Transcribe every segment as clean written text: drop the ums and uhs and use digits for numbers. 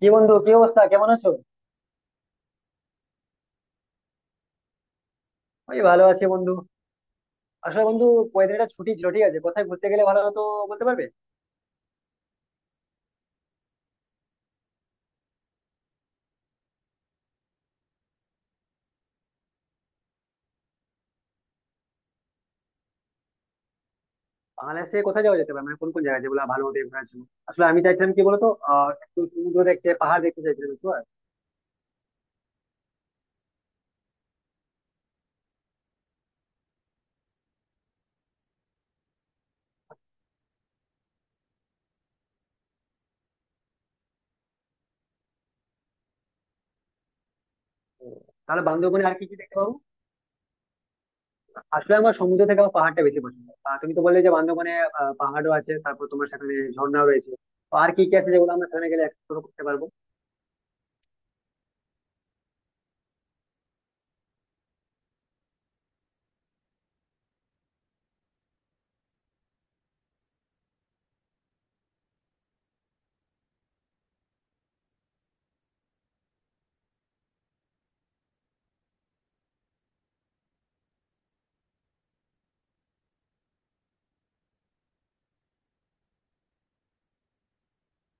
কি বন্ধু, কি অবস্থা? কেমন আছো? ওই ভালো আছি বন্ধু। আসলে বন্ধু, কয়েকদিন ছুটি ছিল, ঠিক আছে? কোথায় ঘুরতে গেলে ভালো হতো বলতে পারবে? বাংলাদেশে কোথায় যাওয়া যেতে পারে, মানে কোন কোন জায়গা যেগুলো ভালো হতো ঘোরার জন্য? আসলে আমি চাইছিলাম কি বলতো, একটু সমুদ্র দেখতে, পাহাড় দেখতে চাইছিলাম, বুঝতে পারলে? তাহলে বান্দরবনে আর কি কি দেখতে পাবো? আসলে আমার সমুদ্র থেকে আমার পাহাড়টা বেশি পছন্দ। তুমি তো বললে যে বান্দরবনে পাহাড়ও আছে, তারপর তোমার সেখানে ঝর্ণাও রয়েছে। তো আর কি কি আছে যেগুলো আমরা সেখানে গেলে এক্সপ্লোর করতে পারবো?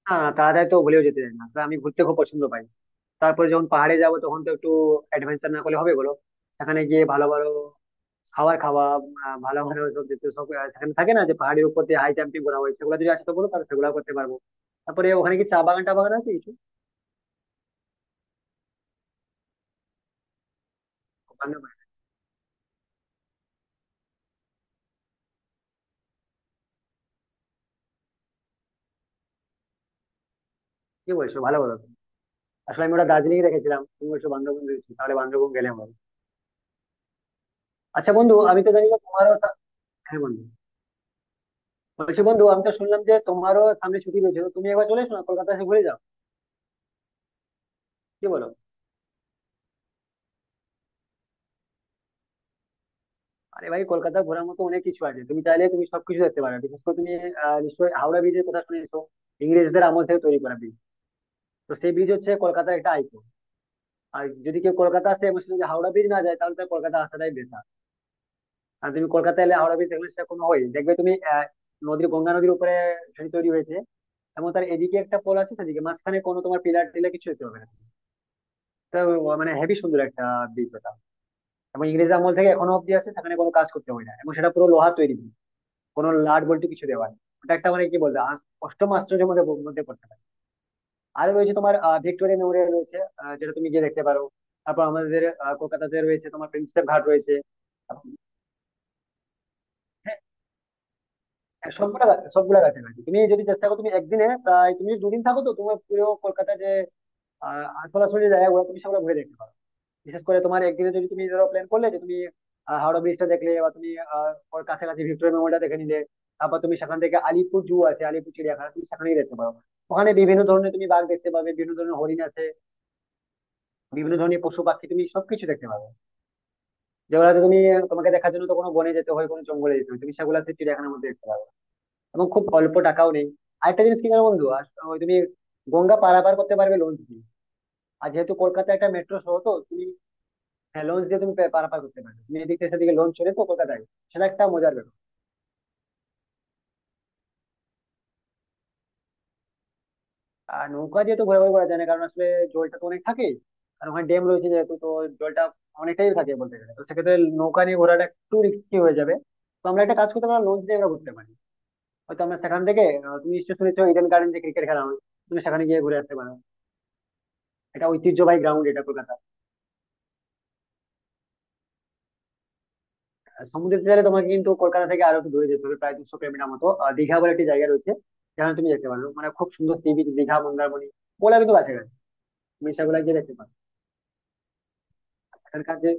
হ্যাঁ, তাড়াতাড়ি তো ভুলেও যেতে চাই না, আসলে আমি ঘুরতে খুব পছন্দ পাই। তারপরে যখন পাহাড়ে যাব তখন তো একটু অ্যাডভেঞ্চার না করলে হবে, বলো? সেখানে গিয়ে ভালো ভালো খাবার খাওয়া, ভালো ভালো সব, যেতে সব সেখানে থাকে না যে পাহাড়ের উপর দিয়ে হাই জাম্পিং করা হয়, সেগুলো যদি আসতে বলো তাহলে সেগুলো করতে পারবো। তারপরে ওখানে কি চা বাগান টা বাগান আছে কিছু ওখানে? কি বলছো, ভালো বলো তো। আসলে আমি ওটা দার্জিলিং এ রেখেছিলাম, তুমি বলছো বান্দরবন রয়েছে, তাহলে বান্দরবন গেলে আমার। আচ্ছা বন্ধু, আমি তো জানি না তোমারও হ্যাঁ বন্ধু, বলছি বন্ধু, আমি তো শুনলাম যে তোমারও সামনে ছুটি রয়েছে, তো তুমি একবার চলে এসো না, কলকাতা এসে ঘুরে যাও। কি বলো? আরে ভাই, কলকাতা ঘোরার মতো অনেক কিছু আছে, তুমি চাইলে তুমি সবকিছু দেখতে পারো। বিশেষ করে তুমি নিশ্চয়ই হাওড়া ব্রিজের কথা শুনেছো। ইংরেজদের আমল থেকে তৈরি করা ব্রিজ, তো সেই ব্রিজ হচ্ছে কলকাতার একটা আইকন। আর যদি কেউ কলকাতা আসে এবং সে যদি হাওড়া ব্রিজ না যায় তাহলে তার কলকাতা আসাটাই বেকার। আর তুমি কলকাতা এলে হাওড়া ব্রিজ দেখলে সেরকম হয়, দেখবে তুমি নদীর, গঙ্গা নদীর উপরে সেটি তৈরি হয়েছে, এবং তার এদিকে একটা পোল আছে সেদিকে, মাঝখানে কোনো তোমার পিলার টিলার কিছু হতে হবে না। তো মানে হেভি সুন্দর একটা ব্রিজ ওটা, এবং ইংরেজ আমল থেকে এখনো অব্দি আছে, সেখানে কোনো কাজ করতে হয় না, এবং সেটা পুরো লোহা তৈরি, কোনো লাড বল্টু কিছু দেওয়া নেই। ওটা একটা, মানে কি বলবো, অষ্টম আশ্চর্যের মধ্যে মধ্যে পড়তে পারে। আর রয়েছে তোমার, ভিক্টোরিয়া মেমোরিয়াল রয়েছে, যেটা তুমি গিয়ে দেখতে পারো। তারপর আমাদের কলকাতাতে রয়েছে তোমার, প্রিন্সেপ ঘাট রয়েছে এবং হ্যাঁ, হ্যাঁ, সবগুলা কাছাকাছি। তুমি যদি চেষ্টা করো, তুমি একদিনে প্রায়, তুমি যদি দুদিন থাকো তো তোমার পুরো কলকাতা যে সরাসরি জায়গাগুলো তুমি সেগুলো ঘুরে দেখতে পারো। বিশেষ করে তোমার একদিনে যদি তুমি ধরো প্ল্যান করলে যে তুমি হাওড়া ব্রিজটা দেখলে, বা তুমি আহ, ওর কাছাকাছি ভিক্টোরিয়া মেমোরিয়ালটা দেখে নিলে, তারপর তুমি সেখান থেকে আলিপুর জু আছে, আলিপুর চিড়িয়াখানা, তুমি সেখানেই দেখতে পারো। ওখানে বিভিন্ন ধরনের তুমি বাঘ দেখতে পাবে, বিভিন্ন ধরনের হরিণ আছে, বিভিন্ন ধরনের পশু পাখি, তুমি সবকিছু দেখতে পাবে, যেগুলোতে তুমি, তোমাকে দেখার জন্য তো কোনো বনে যেতে হয়, কোনো জঙ্গলে যেতে হয়, তুমি সেগুলোতে চিড়িয়াখানার মধ্যে দেখতে পাবে, এবং খুব অল্প টাকাও নেই। আরেকটা জিনিস কি জানো বন্ধু, আর ওই তুমি গঙ্গা পারাপার করতে পারবে লঞ্চ দিয়ে। আর যেহেতু কলকাতা একটা মেট্রো শহর তো তুমি, হ্যাঁ, লঞ্চ দিয়ে তুমি পারাপার করতে পারবে, তুমি এদিক থেকে সেদিকে লঞ্চ চড়ে, তো কলকাতায় সেটা একটা মজার ব্যাপার। আর নৌকা দিয়ে তো ঘোরাঘুরি করা যায় না, কারণ আসলে জলটা তো অনেক থাকে, আর ওখানে ড্যাম রয়েছে যেহেতু, তো জলটা অনেকটাই থাকে বলতে গেলে, তো সেক্ষেত্রে নৌকা নিয়ে ঘোরাটা একটু রিস্কি হয়ে যাবে। তো আমরা একটা কাজ করতে পারি, লঞ্চ দিয়ে আমরা ঘুরতে পারি। হয়তো আমরা সেখান থেকে তুমি নিশ্চয়ই শুনেছো ইডেন গার্ডেন, যে ক্রিকেট খেলা হয়, তুমি সেখানে গিয়ে ঘুরে আসতে পারো। এটা ঐতিহ্যবাহী গ্রাউন্ড, এটা কলকাতা। আর সমুদ্রের তীরে তোমাকে কিন্তু কলকাতা থেকে আরো একটু দূরে যেতে হবে, প্রায় 200 কিলোমিটার মতো। দীঘা বলে একটি জায়গা রয়েছে, যেখানে তুমি যেতে পারো, মানে খুব সুন্দর সি বিচ, দীঘা মন্দারমণি ওগুলা কিন্তু কাছাকাছি, তুমি সেগুলা গিয়ে দেখতে পারো। সেখানকার যে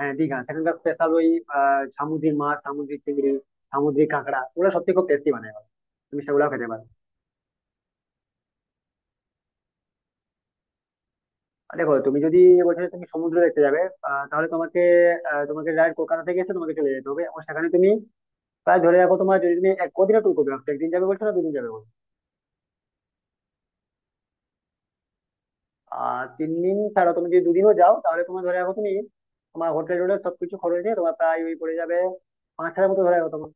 দীঘা সেখানকার স্পেশাল ওই সামুদ্রিক মাছ, সামুদ্রিক চিংড়ি, সামুদ্রিক কাঁকড়া, ওগুলো সত্যি খুব টেস্টি বানায় ওরা। তুমি সেগুলাও খেতে পারো। আর দেখো, তুমি যদি বলছো যে তুমি সমুদ্র দেখতে যাবে, তাহলে তোমাকে ডাইরেক্ট কলকাতা থেকে এসে তোমাকে চলে যেতে হবে, এবং সেখানে তুমি প্রায়, ধরে রাখো তোমার, যদি তুমি এক কদিনের ট্যুর করবে, একদিন যাবে বলছো না দুদিন যাবে বলছো? 3 দিন ছাড়া তুমি যদি দুদিনও যাও তাহলে তোমার, ধরে রাখো তুমি, তোমার হোটেল টোটেল সবকিছু খরচ নিয়ে তোমার প্রায় ওই পড়ে যাবে 5,000 মতো, ধরে রাখো তোমার,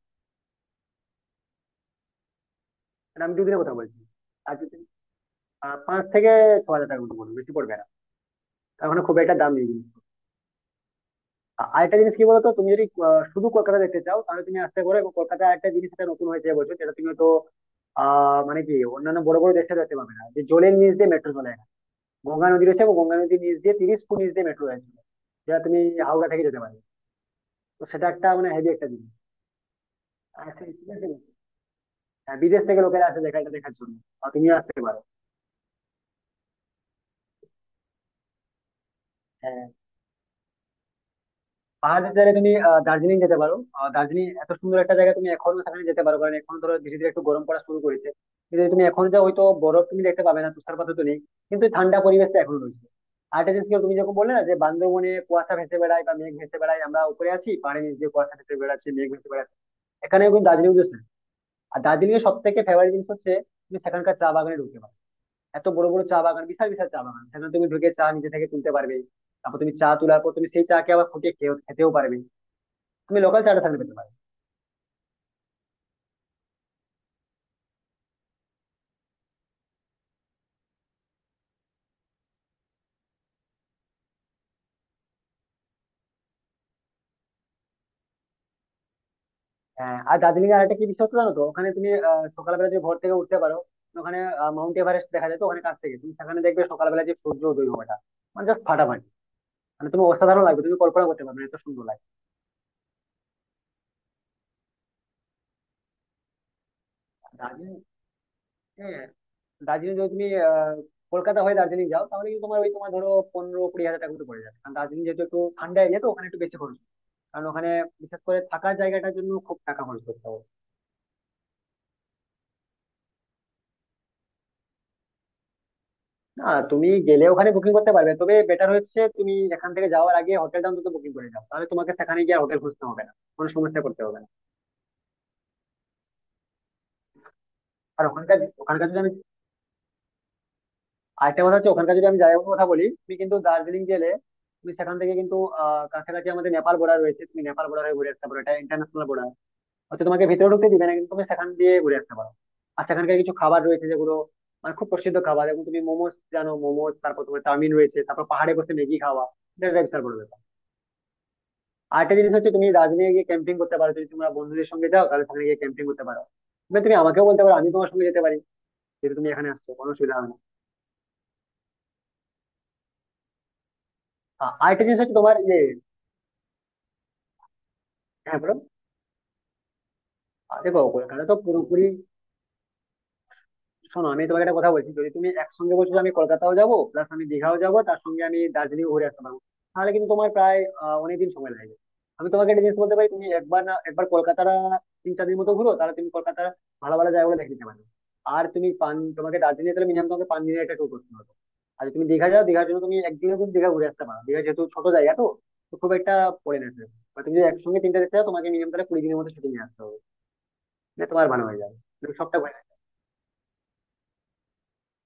মানে আমি দুদিনের কথা বলছি। আর যদি 5 থেকে 6 হাজার টাকার মতো পড়বে, বেশি পড়বে না, কারণ ওখানে খুব একটা দাম নেই কিন্তু। আরেকটা জিনিস কি বলতো, তুমি যদি শুধু কলকাতা দেখতে চাও তাহলে তুমি আসতে পারো, এবং কলকাতায় একটা জিনিস, এটা নতুন হয়েছে এবছর, যেটা তুমি তো মানে কি অন্যান্য বড় বড় দেশে দেখতে পাবে না, যে জলের নিচ দিয়ে মেট্রো চলে। গঙ্গা নদী রয়েছে, এবং গঙ্গা নদীর নিচ দিয়ে 30 ফুট নিচ দিয়ে মেট্রো রয়েছে, যেটা তুমি হাওড়া থেকে যেতে পারবে। তো সেটা একটা মানে হেভি একটা জিনিস। আর হ্যাঁ, বিদেশ থেকে লোকেরা আসে দেখা, এটা দেখার জন্য। আর তুমিও আসতে পারো। হ্যাঁ, পাহাড়ের জায়গায় তুমি দার্জিলিং যেতে পারো। দার্জিলিং এত সুন্দর একটা জায়গা, তুমি এখনো সেখানে যেতে পারো, কারণ এখন ধরো ধীরে ধীরে একটু গরম পড়া শুরু করেছে। কিন্তু যদি তুমি এখন যাও হয়তো বরফ তুমি দেখতে পাবে না, তুষারপাত তো নেই, কিন্তু ঠান্ডা পরিবেশটা এখনো রয়েছে। আর একটা জিনিস কি, তুমি যখন বললে না যে বান্দরবনে কুয়াশা ভেসে বেড়ায় বা মেঘ ভেসে বেড়ায়, আমরা উপরে আছি পাহাড়ের নিচ দিয়ে কুয়াশা ভেসে বেড়াচ্ছে, মেঘ ভেসে বেড়াচ্ছে, এখানে কিন্তু দার্জিলিং উঠেছে। আর দার্জিলিং এর সব থেকে ফেভারিট জিনিস হচ্ছে, তুমি সেখানকার চা বাগানে ঢুকতে পারো। এত বড় বড় চা বাগান, বিশাল বিশাল চা বাগান, সেখানে তুমি ঢুকে চা নিজে থেকে তুলতে পারবে। তারপর তুমি চা তোলার পর তুমি সেই চা কে আবার ফুটিয়ে খেতেও পারবে। তুমি লোকাল চাটা সেখানে পেতে পারবে। আর দার্জিলিং এর আরেকটা কি বিশেষত্ব জানো তো, ওখানে তুমি সকালবেলা যদি ভোর থেকে উঠতে পারো, ওখানে মাউন্ট এভারেস্ট দেখা যায়, তো ওখানে কাছ থেকে তুমি সেখানে দেখবে সকালবেলা যে সূর্য উদয় হওয়াটা, মানে জাস্ট ফাটাফাটি। মানে তুমি, অসাধারণ লাগবে, তুমি কল্পনা করতে পারবে না, এত সুন্দর লাগবে। দার্জিলিং, হ্যাঁ, দার্জিলিং যদি তুমি কলকাতা হয়ে দার্জিলিং যাও তাহলে কিন্তু তোমার ওই, তোমার ধরো 15-20 হাজার টাকা মতো পড়ে যাবে, কারণ দার্জিলিং যেহেতু একটু ঠান্ডা এরিয়া, তো ওখানে একটু বেশি খরচ, কারণ ওখানে বিশেষ করে থাকার জায়গাটার জন্য খুব টাকা খরচ করতে হবে। না, তুমি গেলে ওখানে বুকিং করতে পারবে, তবে বেটার হচ্ছে তুমি এখান থেকে যাওয়ার আগে হোটেলটা অন্তত বুকিং করে যাও, তাহলে তোমাকে সেখানে গিয়ে হোটেল খুঁজতে হবে না, কোনো সমস্যা করতে হবে না। আর ওখানকার, ওখানকার যদি আমি আরেকটা কথা হচ্ছে, ওখানকার যদি আমি জায়গাগুলোর কথা বলি, তুমি কিন্তু দার্জিলিং গেলে তুমি সেখান থেকে কিন্তু কাছাকাছি আমাদের নেপাল বর্ডার রয়েছে, তুমি নেপাল বর্ডার হয়ে ঘুরে আসতে পারো, এটা ইন্টারন্যাশনাল বর্ডার। হয়তো তোমাকে ভেতরে ঢুকতে দিবে না, কিন্তু তুমি সেখান দিয়ে ঘুরে আসতে পারো। আর সেখানকার কিছু খাবার রয়েছে, যেগুলো মানে খুব প্রসিদ্ধ খাবার, এবং তুমি মোমোস জানো, মোমোস, তারপর তোমার চাউমিন রয়েছে, তারপর পাহাড়ে বসে ম্যাগি খাওয়া, এটা একটা বিশাল বড় ব্যাপার। আর একটা জিনিস হচ্ছে, তুমি দার্জিলিং গিয়ে ক্যাম্পিং করতে পারো, যদি তোমরা বন্ধুদের সঙ্গে যাও তাহলে সেখানে গিয়ে ক্যাম্পিং করতে পারো। মানে তুমি আমাকেও বলতে পারো, আমি তোমার সঙ্গে যেতে পারি, যেহেতু তুমি এখানে আসছো কোনো অসুবিধা হবে না। আর একটা জিনিস হচ্ছে তোমার যে, হ্যাঁ বলো, দেখো কলকাতা তো পুরোপুরি, শোনো আমি তোমাকে একটা কথা বলছি, যদি তুমি একসঙ্গে বলছো যে আমি কলকাতাও যাবো প্লাস আমি দীঘাও যাবো, তার সঙ্গে আমি দার্জিলিং ঘুরে আসতে পারবো, তাহলে কিন্তু তোমার প্রায় অনেকদিন সময় লাগবে। আমি তোমাকে একটা জিনিস বলতে পারি, তুমি একবার না একবার কলকাতাটা 3-4 দিন মতো ঘুরো, তাহলে তুমি কলকাতার ভালো ভালো জায়গাগুলো দেখে নিতে পারবে। আর তুমি পান, তোমাকে দার্জিলিং তাহলে মিনিমাম তোমাকে 5 দিনের একটা ট্যুর করতে হবে। আর যদি তুমি দীঘা যাও, দীঘার জন্য তুমি একদিনে তুমি দীঘা ঘুরে আসতে পারো, দীঘা যেহেতু ছোট জায়গা, তো তো খুব একটা পড়ে না সেরকম। আর তুমি যদি একসঙ্গে তিনটা দেখতে যাও, তোমাকে মিনিমাম তাহলে 20 দিনের মতো ছুটি নিয়ে আসতে হবে, না তোমার ভালো হয়ে যাবে, তুমি সবটা,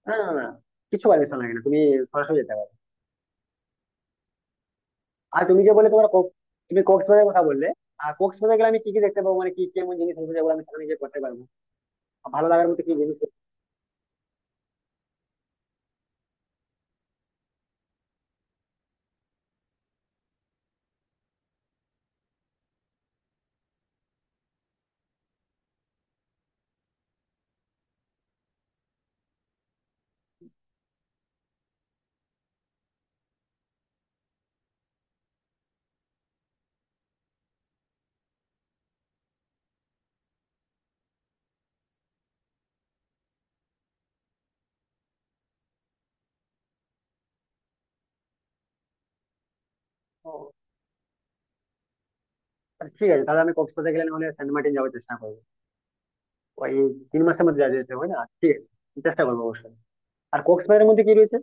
না, না, না, কিছু পারমিশন লাগে না, তুমি সরাসরি যেতে পারো। আর তুমি যে বলে তোমার তুমি কক্সবাজারের কথা বললে, আর কক্সবাজারে গেলে আমি কি কি দেখতে পাবো, মানে কি কেমন জিনিস আছে যেগুলো আমি সেখানে গিয়ে করতে পারবো, আর ভালো লাগার মতো কি জিনিস করতে পারবো? আচ্ছা, ঠিক আছে, তাহলে আমি কক্সবাজার গেলে নাহলে সেন্ট মার্টিন যাওয়ার চেষ্টা করবো, ওই 3 মাসের মধ্যে যাওয়া যেতে হবে, না ঠিক আছে, চেষ্টা করবো অবশ্যই। আর কক্সবাজারের মধ্যে কি রয়েছে?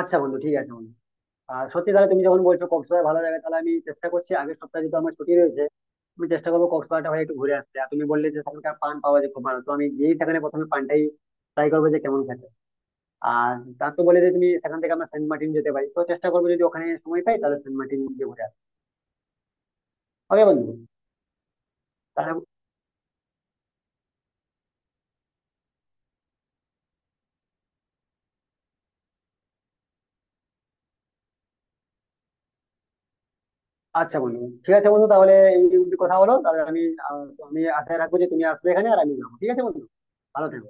আচ্ছা বন্ধু, ঠিক আছে বন্ধু। আর সত্যি তাহলে তুমি যখন বলছো কক্সবাজার ভালো লাগে, তাহলে আমি চেষ্টা করছি, আগের সপ্তাহে যেহেতু আমার ছুটি রয়েছে, আমি চেষ্টা করবো কক্সবাজারটা হয়ে একটু ঘুরে আসতে। আর তুমি বললে যে সেখানকার পান পাওয়া যায় খুব ভালো, তো আমি গিয়েই সেখানে প্রথমে পানটাই ট্রাই করবো যে কেমন খেতে। আর তার তো বলে যে তুমি সেখান থেকে আমরা সেন্ট মার্টিন যেতে পারি, তো চেষ্টা করবো যদি ওখানে সময় পাই তাহলে সেন্ট মার্টিন গিয়ে ঘুরে আসবো। ওকে বন্ধু, তাহলে, আচ্ছা বন্ধু ঠিক আছে বন্ধু, তাহলে এই অবধি কথা হলো, তাহলে আহ, আমি আশায় রাখবো যে তুমি আসবে এখানে আর আমি যাবো, ঠিক আছে বন্ধু, ভালো থেকো।